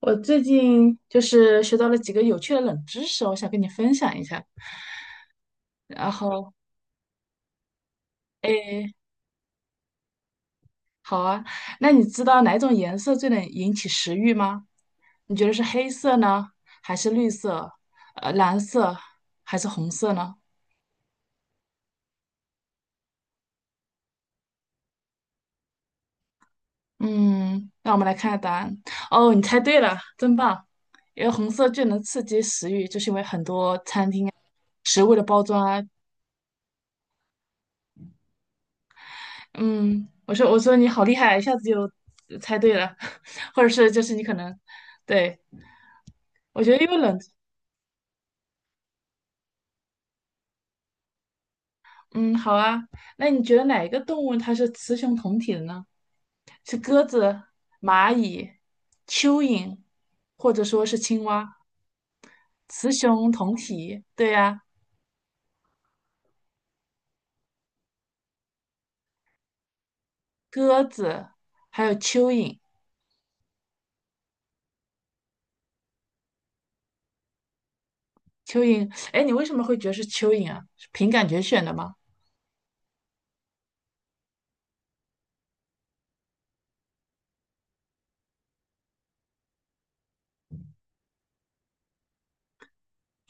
我最近就是学到了几个有趣的冷知识，我想跟你分享一下。然后，诶，好啊，那你知道哪种颜色最能引起食欲吗？你觉得是黑色呢，还是绿色？蓝色还是红色呢？嗯，那我们来看看答案。哦，你猜对了，真棒！因为红色最能刺激食欲，就是因为很多餐厅啊食物的包装啊嗯，我说你好厉害，一下子就猜对了，或者是就是你可能，对，我觉得因为冷，嗯，好啊，那你觉得哪一个动物它是雌雄同体的呢？是鸽子、蚂蚁、蚯蚓，或者说是青蛙？雌雄同体，对呀、鸽子还有蚯蚓，蚯蚓，哎，你为什么会觉得是蚯蚓啊？是凭感觉选的吗？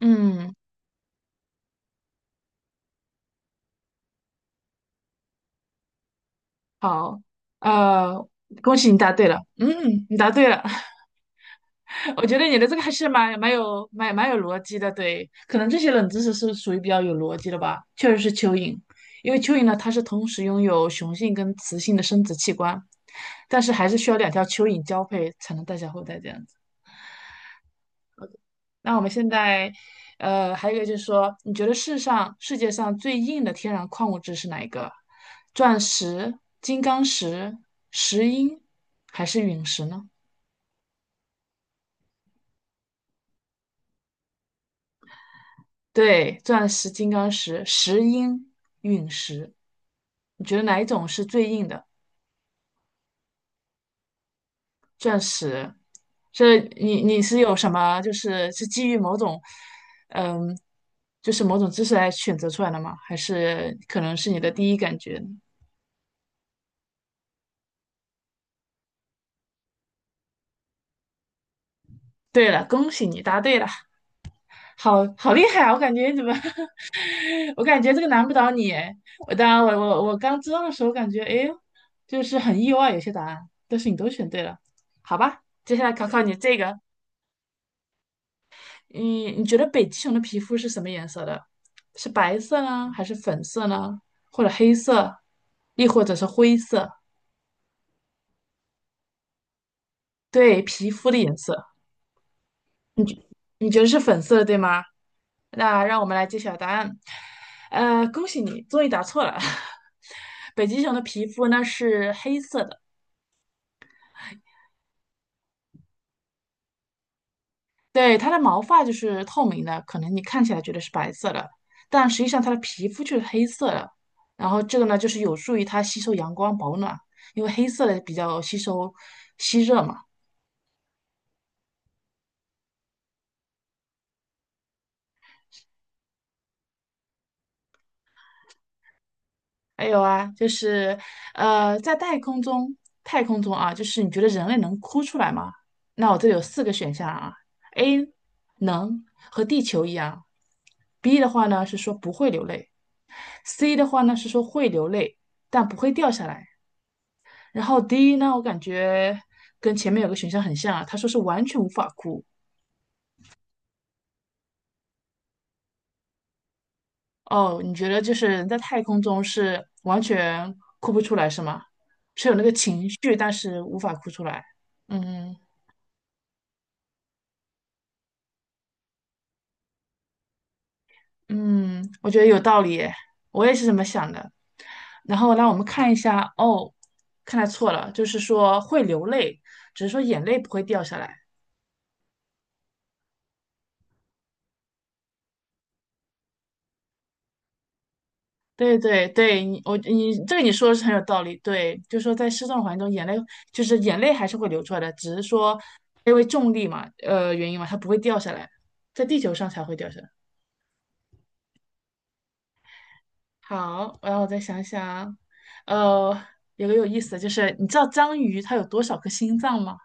嗯，好，呃，恭喜你答对了，嗯，你答对了。我觉得你的这个还是蛮蛮有逻辑的，对，可能这些冷知识是属于比较有逻辑的吧。确实是蚯蚓，因为蚯蚓呢，它是同时拥有雄性跟雌性的生殖器官，但是还是需要两条蚯蚓交配才能诞下后代这样子。那我们现在，还有一个就是说，你觉得世界上最硬的天然矿物质是哪一个？钻石、金刚石、石英还是陨石呢？对，钻石、金刚石、石英、陨石，你觉得哪一种是最硬的？钻石，这你是有什么？就是是基于某种，嗯，就是某种知识来选择出来的吗？还是可能是你的第一感觉呢？对了，恭喜你答对了，好好厉害啊！我感觉你怎么，我感觉这个难不倒你诶。我当然，我刚知道的时候感觉，哎呦，就是很意外有些答案，但是你都选对了，好吧？接下来考考你这个。嗯，你觉得北极熊的皮肤是什么颜色的？是白色呢，还是粉色呢？或者黑色，亦或者是灰色？对，皮肤的颜色，你觉你觉得是粉色的，对吗？那让我们来揭晓答案。恭喜你，终于答错了。北极熊的皮肤呢是黑色的。对，它的毛发就是透明的，可能你看起来觉得是白色的，但实际上它的皮肤就是黑色的。然后这个呢，就是有助于它吸收阳光保暖，因为黑色的比较吸收吸热嘛。还有啊，就是在太空中，太空中啊，就是你觉得人类能哭出来吗？那我这里有四个选项啊，A 能和地球一样，B 的话呢是说不会流泪，C 的话呢是说会流泪但不会掉下来。然后第一呢，我感觉跟前面有个选项很像啊，他说是完全无法哭。哦，你觉得就是人在太空中是完全哭不出来是吗？是有那个情绪，但是无法哭出来。嗯嗯，我觉得有道理耶我也是这么想的。然后让我们看一下，哦，看来错了，就是说会流泪，只是说眼泪不会掉下来。对对对，你这个你说的是很有道理。对，就是说在失重的环境中，眼泪就是眼泪还是会流出来的，只是说因为重力嘛，原因嘛，它不会掉下来，在地球上才会掉下来。好，然后我再想想，呃，有个有意思的就是，你知道章鱼它有多少颗心脏吗？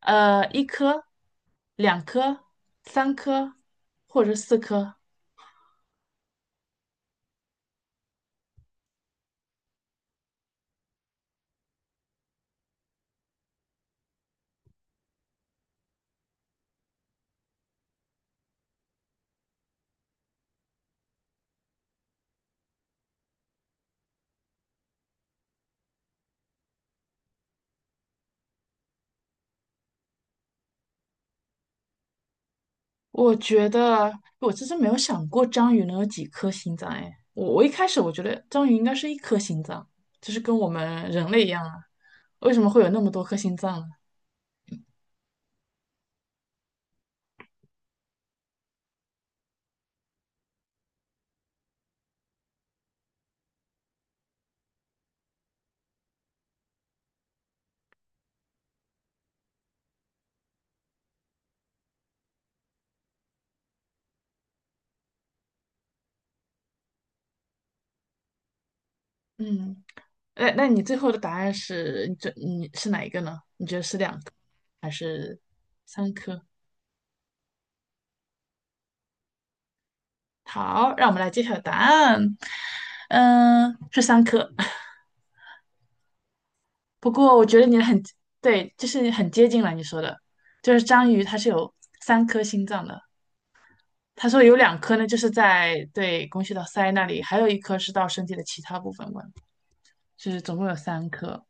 一颗、两颗、三颗，或者是四颗。我觉得我其实没有想过章鱼能有几颗心脏哎，我一开始我觉得章鱼应该是一颗心脏，就是跟我们人类一样啊，为什么会有那么多颗心脏呢？嗯，那你最后的答案是，你是哪一个呢？你觉得是两颗还是三颗？好，让我们来揭晓答案，嗯，是三颗。不过我觉得你很，对，就是很接近了你说的，就是章鱼它是有三颗心脏的。他说有两颗呢，就是在对供血到腮那里，还有一颗是到身体的其他部分管，就是总共有三颗。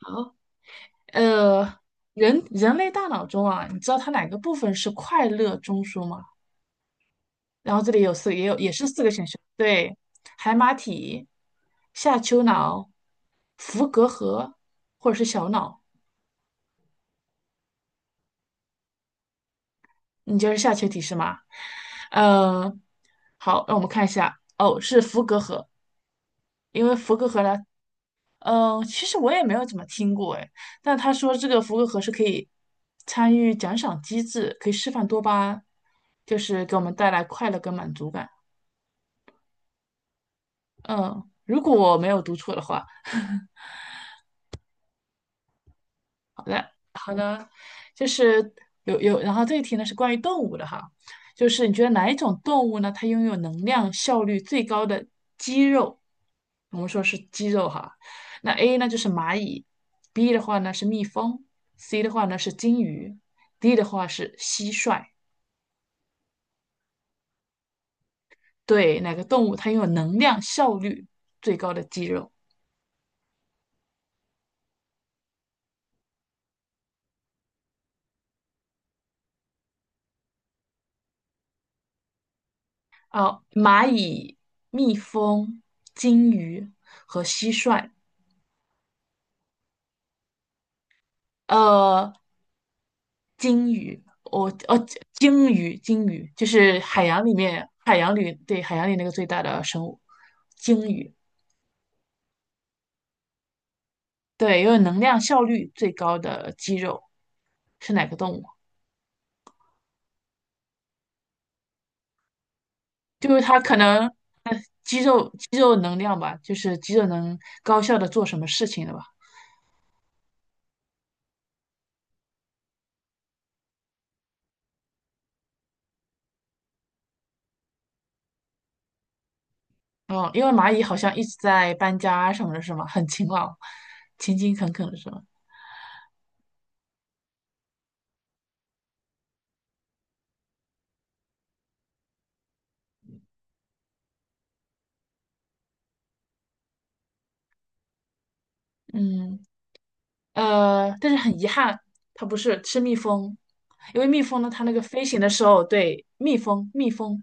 好，呃，人类大脑中啊，你知道它哪个部分是快乐中枢吗？然后这里有四，也有也是四个选项，对，海马体、下丘脑、伏隔核或者是小脑，你就是下丘体是吗？嗯、好，让我们看一下，哦，是伏隔核，因为伏隔核呢，嗯，其实我也没有怎么听过哎，但他说这个福克盒是可以参与奖赏机制，可以释放多巴胺，就是给我们带来快乐跟满足感。嗯，如果我没有读错的话，来，好的，就是有有，然后这一题呢是关于动物的哈，就是你觉得哪一种动物呢，它拥有能量效率最高的肌肉？我们说是肌肉哈，那 A 呢就是蚂蚁，B 的话呢是蜜蜂，C 的话呢是金鱼，D 的话是蟋蟀。对，哪个动物它拥有能量效率最高的肌肉？哦，蚂蚁、蜜蜂、金鱼和蟋蟀。呃，鲸鱼，我哦，鲸鱼，鲸鱼就是海洋里面，海洋里，对，海洋里那个最大的生物，鲸鱼，对，因为能量效率最高的肌肉是哪个动物？就是它可能肌肉能量吧，就是肌肉能高效的做什么事情的吧。哦，因为蚂蚁好像一直在搬家什么的，是吗？很勤劳，勤勤恳恳的是吗？嗯，但是很遗憾，它不是是蜜蜂，因为蜜蜂呢，它那个飞行的时候，对，蜜蜂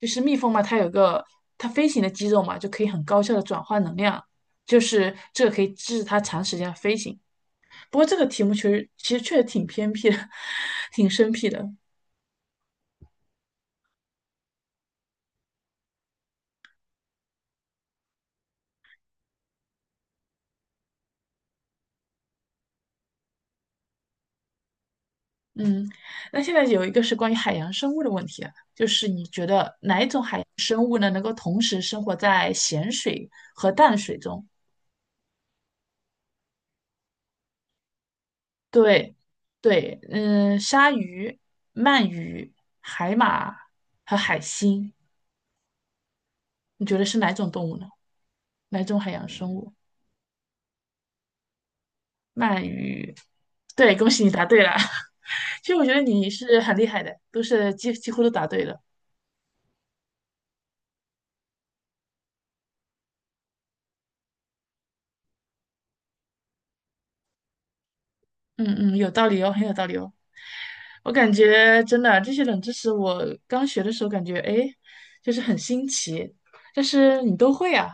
就是蜜蜂嘛，它有个它飞行的肌肉嘛，就可以很高效的转换能量，就是这个可以支持它长时间的飞行。不过这个题目其实确实挺偏僻的，挺生僻的。嗯，那现在有一个是关于海洋生物的问题啊，就是你觉得哪一种海洋生物呢，能够同时生活在咸水和淡水中？对，对，嗯、鲨鱼、鳗鱼、海马和海星，你觉得是哪种动物呢？哪种海洋生物？鳗鱼，对，恭喜你答对了。其实我觉得你是很厉害的，都是几乎都答对了。嗯嗯，有道理哦，很有道理哦。我感觉真的这些冷知识，我刚学的时候感觉哎，诶就是很新奇，但是你都会啊。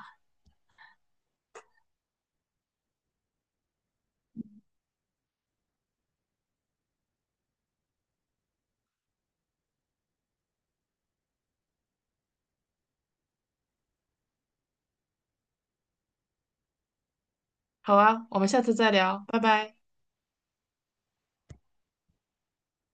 好啊，我们下次再聊，拜拜。